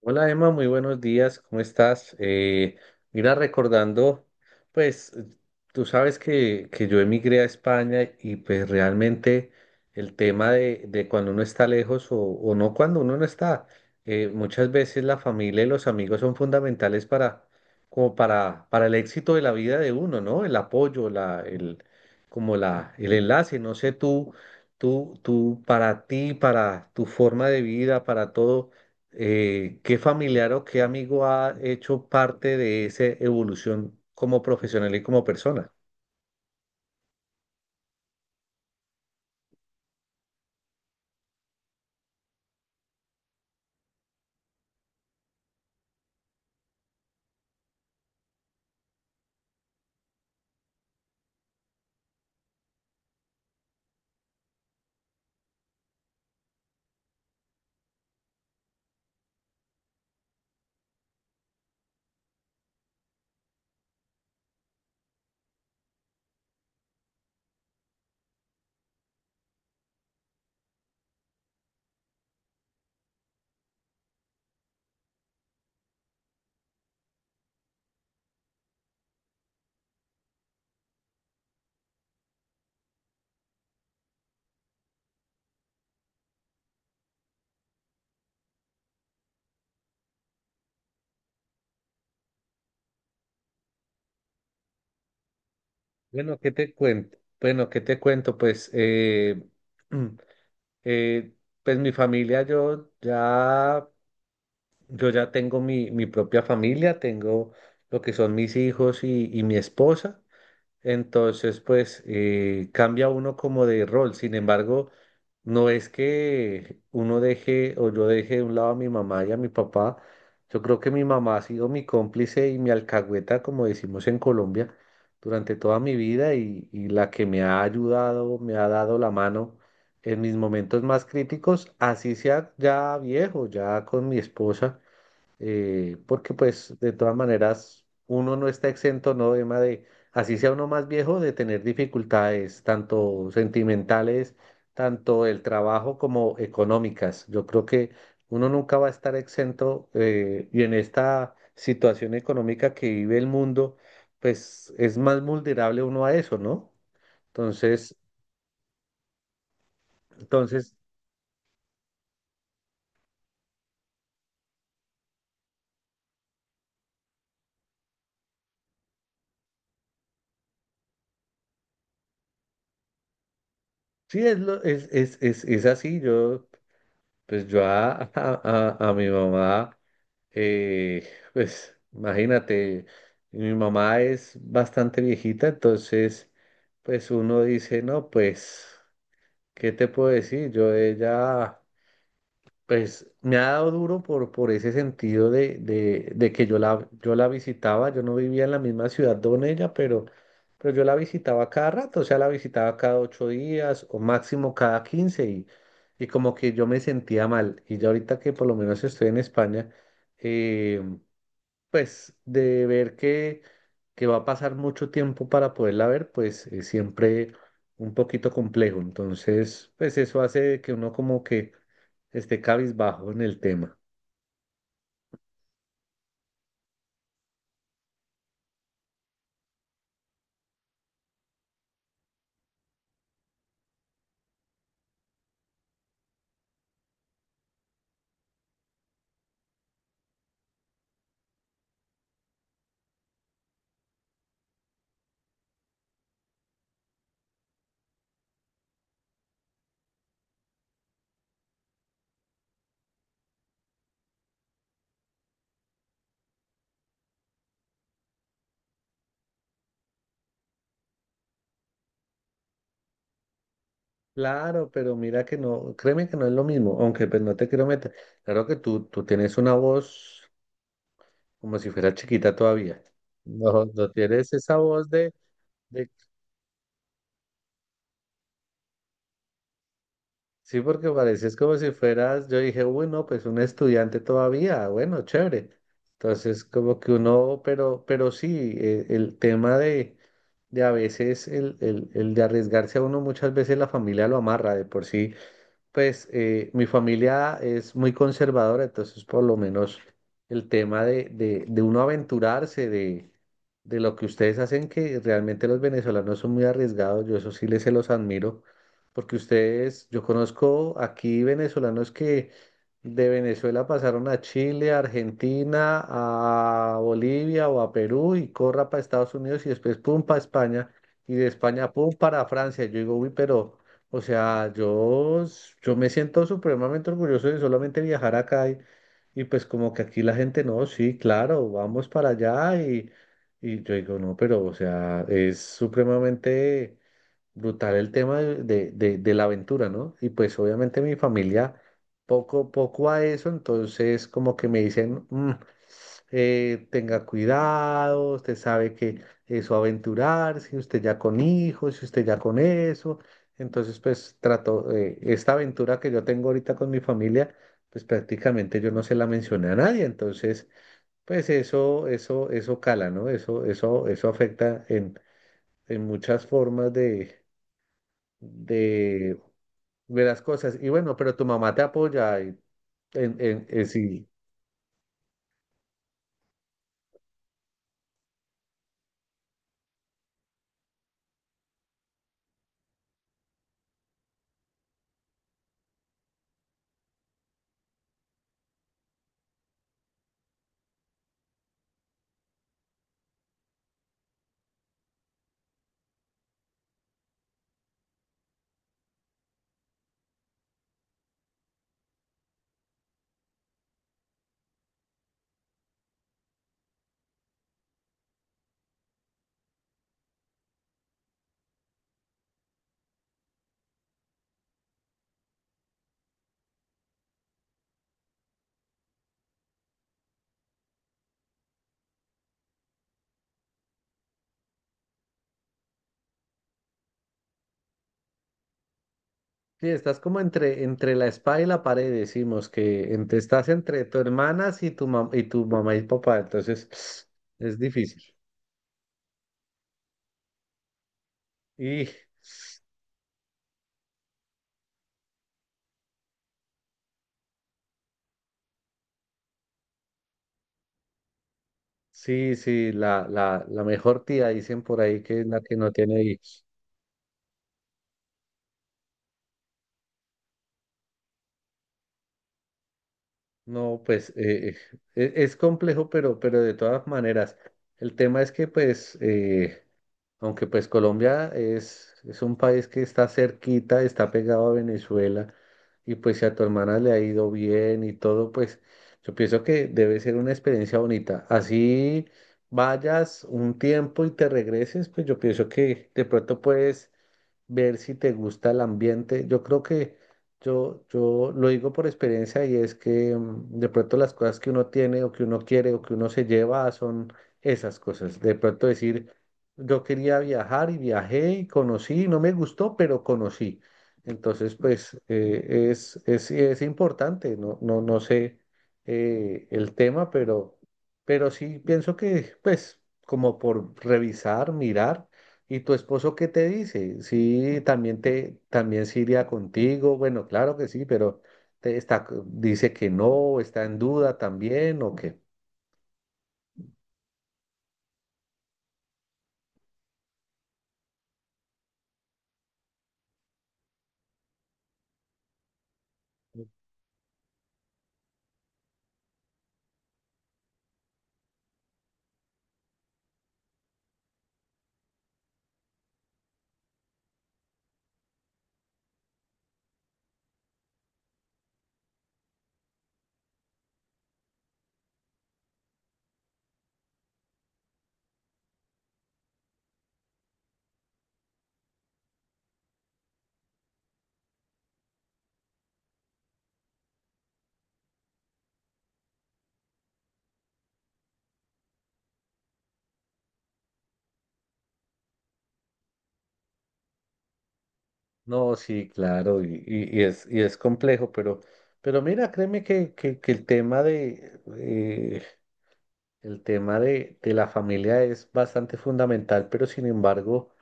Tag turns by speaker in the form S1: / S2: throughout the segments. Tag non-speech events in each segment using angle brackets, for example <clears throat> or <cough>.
S1: Hola Emma, muy buenos días, ¿cómo estás? Mira, recordando, pues tú sabes que yo emigré a España, y pues realmente el tema de cuando uno está lejos, o no, cuando uno no está, muchas veces la familia y los amigos son fundamentales para, como para el éxito de la vida de uno, ¿no? El apoyo, la, el, como la, el enlace, no sé tú, para ti, para tu forma de vida, para todo. ¿Qué familiar o qué amigo ha hecho parte de esa evolución como profesional y como persona? Bueno, ¿qué te cuento? Bueno, ¿qué te cuento? Pues, <clears throat> mm, eh, pues mi familia, yo ya tengo mi, mi propia familia, tengo lo que son mis hijos y mi esposa. Entonces, pues cambia uno como de rol. Sin embargo, no es que uno deje, o yo deje de un lado a mi mamá y a mi papá. Yo creo que mi mamá ha sido mi cómplice y mi alcahueta, como decimos en Colombia, durante toda mi vida, y la que me ha ayudado, me ha dado la mano en mis momentos más críticos, así sea ya viejo, ya con mi esposa, porque pues de todas maneras uno no está exento, ¿no? Emma, de, así sea uno más viejo, de tener dificultades tanto sentimentales, tanto el trabajo como económicas. Yo creo que uno nunca va a estar exento, y en esta situación económica que vive el mundo, pues es más vulnerable uno a eso, ¿no? Entonces, entonces, sí, es, lo- es así. Yo, pues yo a, a mi mamá. Pues imagínate, mi mamá es bastante viejita, entonces pues uno dice, no, pues, ¿qué te puedo decir? Yo de ella, pues me ha dado duro por ese sentido de que yo la, yo la visitaba, yo no vivía en la misma ciudad donde ella, pero yo la visitaba cada rato, o sea, la visitaba cada ocho días o máximo cada quince, y como que yo me sentía mal. Y ya ahorita que por lo menos estoy en España, eh, pues de ver que va a pasar mucho tiempo para poderla ver, pues es siempre un poquito complejo. Entonces, pues eso hace que uno como que esté cabizbajo en el tema. Claro, pero mira que no, créeme que no es lo mismo, aunque pues no te quiero meter. Claro que tú tienes una voz como si fuera chiquita todavía. No, no tienes esa voz de, de. Sí, porque parecías como si fueras, yo dije, uy, no, pues un estudiante todavía, bueno, chévere. Entonces, como que uno, pero sí, el tema de a veces, el de arriesgarse a uno, muchas veces la familia lo amarra de por sí. Pues mi familia es muy conservadora, entonces por lo menos el tema de uno aventurarse, de lo que ustedes hacen, que realmente los venezolanos son muy arriesgados, yo eso sí les se los admiro, porque ustedes, yo conozco aquí venezolanos que de Venezuela pasaron a Chile, a Argentina, a Bolivia o a Perú, y corra para Estados Unidos, y después pum para España, y de España pum para Francia. Yo digo, uy, pero... O sea, yo, s- yo me siento supremamente orgulloso de solamente viajar acá, y pues como que aquí la gente, no, sí, claro, vamos para allá, y yo digo, no, pero o sea, es supremamente brutal el tema de la aventura, ¿no? Y pues obviamente mi familia poco, poco a eso, entonces como que me dicen, "Mm, tenga cuidado, usted sabe que eso aventurarse, usted ya con hijos, si usted ya con eso". Entonces, pues trato, esta aventura que yo tengo ahorita con mi familia, pues prácticamente yo no se la mencioné a nadie. Entonces, pues eso cala, ¿no? Eso afecta en muchas formas de, de las cosas. Y bueno, pero tu mamá te apoya, y en- si. Sí, estás como entre, entre la espada y la pared, decimos que entre, estás entre tu hermana y tu, mam- y tu mamá y papá, entonces <sniffs> es difícil. Y sí, sí, la mejor tía, dicen por ahí que es la que no tiene hijos. No, pues e- es, complejo, pero de todas maneras, el tema es que pues... Aunque pues Colombia es un país que está cerquita, está pegado a Venezuela, y pues si a tu hermana le ha ido bien y todo, pues yo pienso que debe ser una experiencia bonita. Así vayas un tiempo y te regreses, pues yo pienso que de pronto puedes ver si te gusta el ambiente. Yo creo que yo lo digo por experiencia, y es que de pronto las cosas que uno tiene, o que uno quiere, o que uno se lleva son esas cosas. De pronto decir, yo quería viajar y viajé y conocí, no me gustó, pero conocí. Entonces, pues es importante, no, no, no sé, el tema, pero sí pienso que, pues, como por revisar, mirar. ¿Y tu esposo qué te dice? Sí, también te, también se iría contigo. Bueno, claro que sí, pero te está, dice que no, está en duda también, o que no, sí, claro, y es complejo, pero mira, créeme que el tema de la familia es bastante fundamental, pero sin embargo,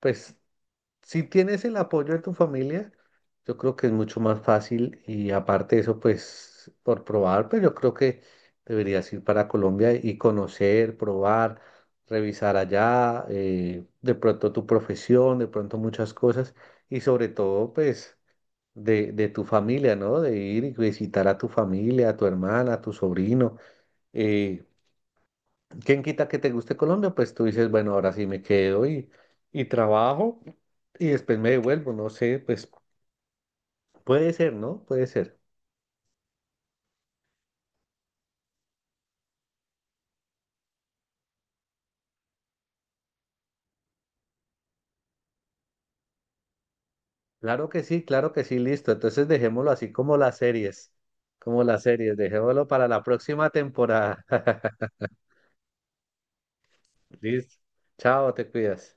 S1: pues si tienes el apoyo de tu familia, yo creo que es mucho más fácil, y aparte de eso, pues por probar, pero yo creo que deberías ir para Colombia y conocer, probar, revisar allá, de pronto tu profesión, de pronto muchas cosas, y sobre todo, pues de tu familia, ¿no? De ir y visitar a tu familia, a tu hermana, a tu sobrino. eh, ¿Quién quita que te guste Colombia? Pues tú dices, bueno, ahora sí me quedo, y trabajo, y después me devuelvo, no sé, pues puede ser, ¿no? Puede ser. Claro que sí, listo. Entonces dejémoslo así como las series, dejémoslo para la próxima temporada. <laughs> Listo. Chao, te cuidas.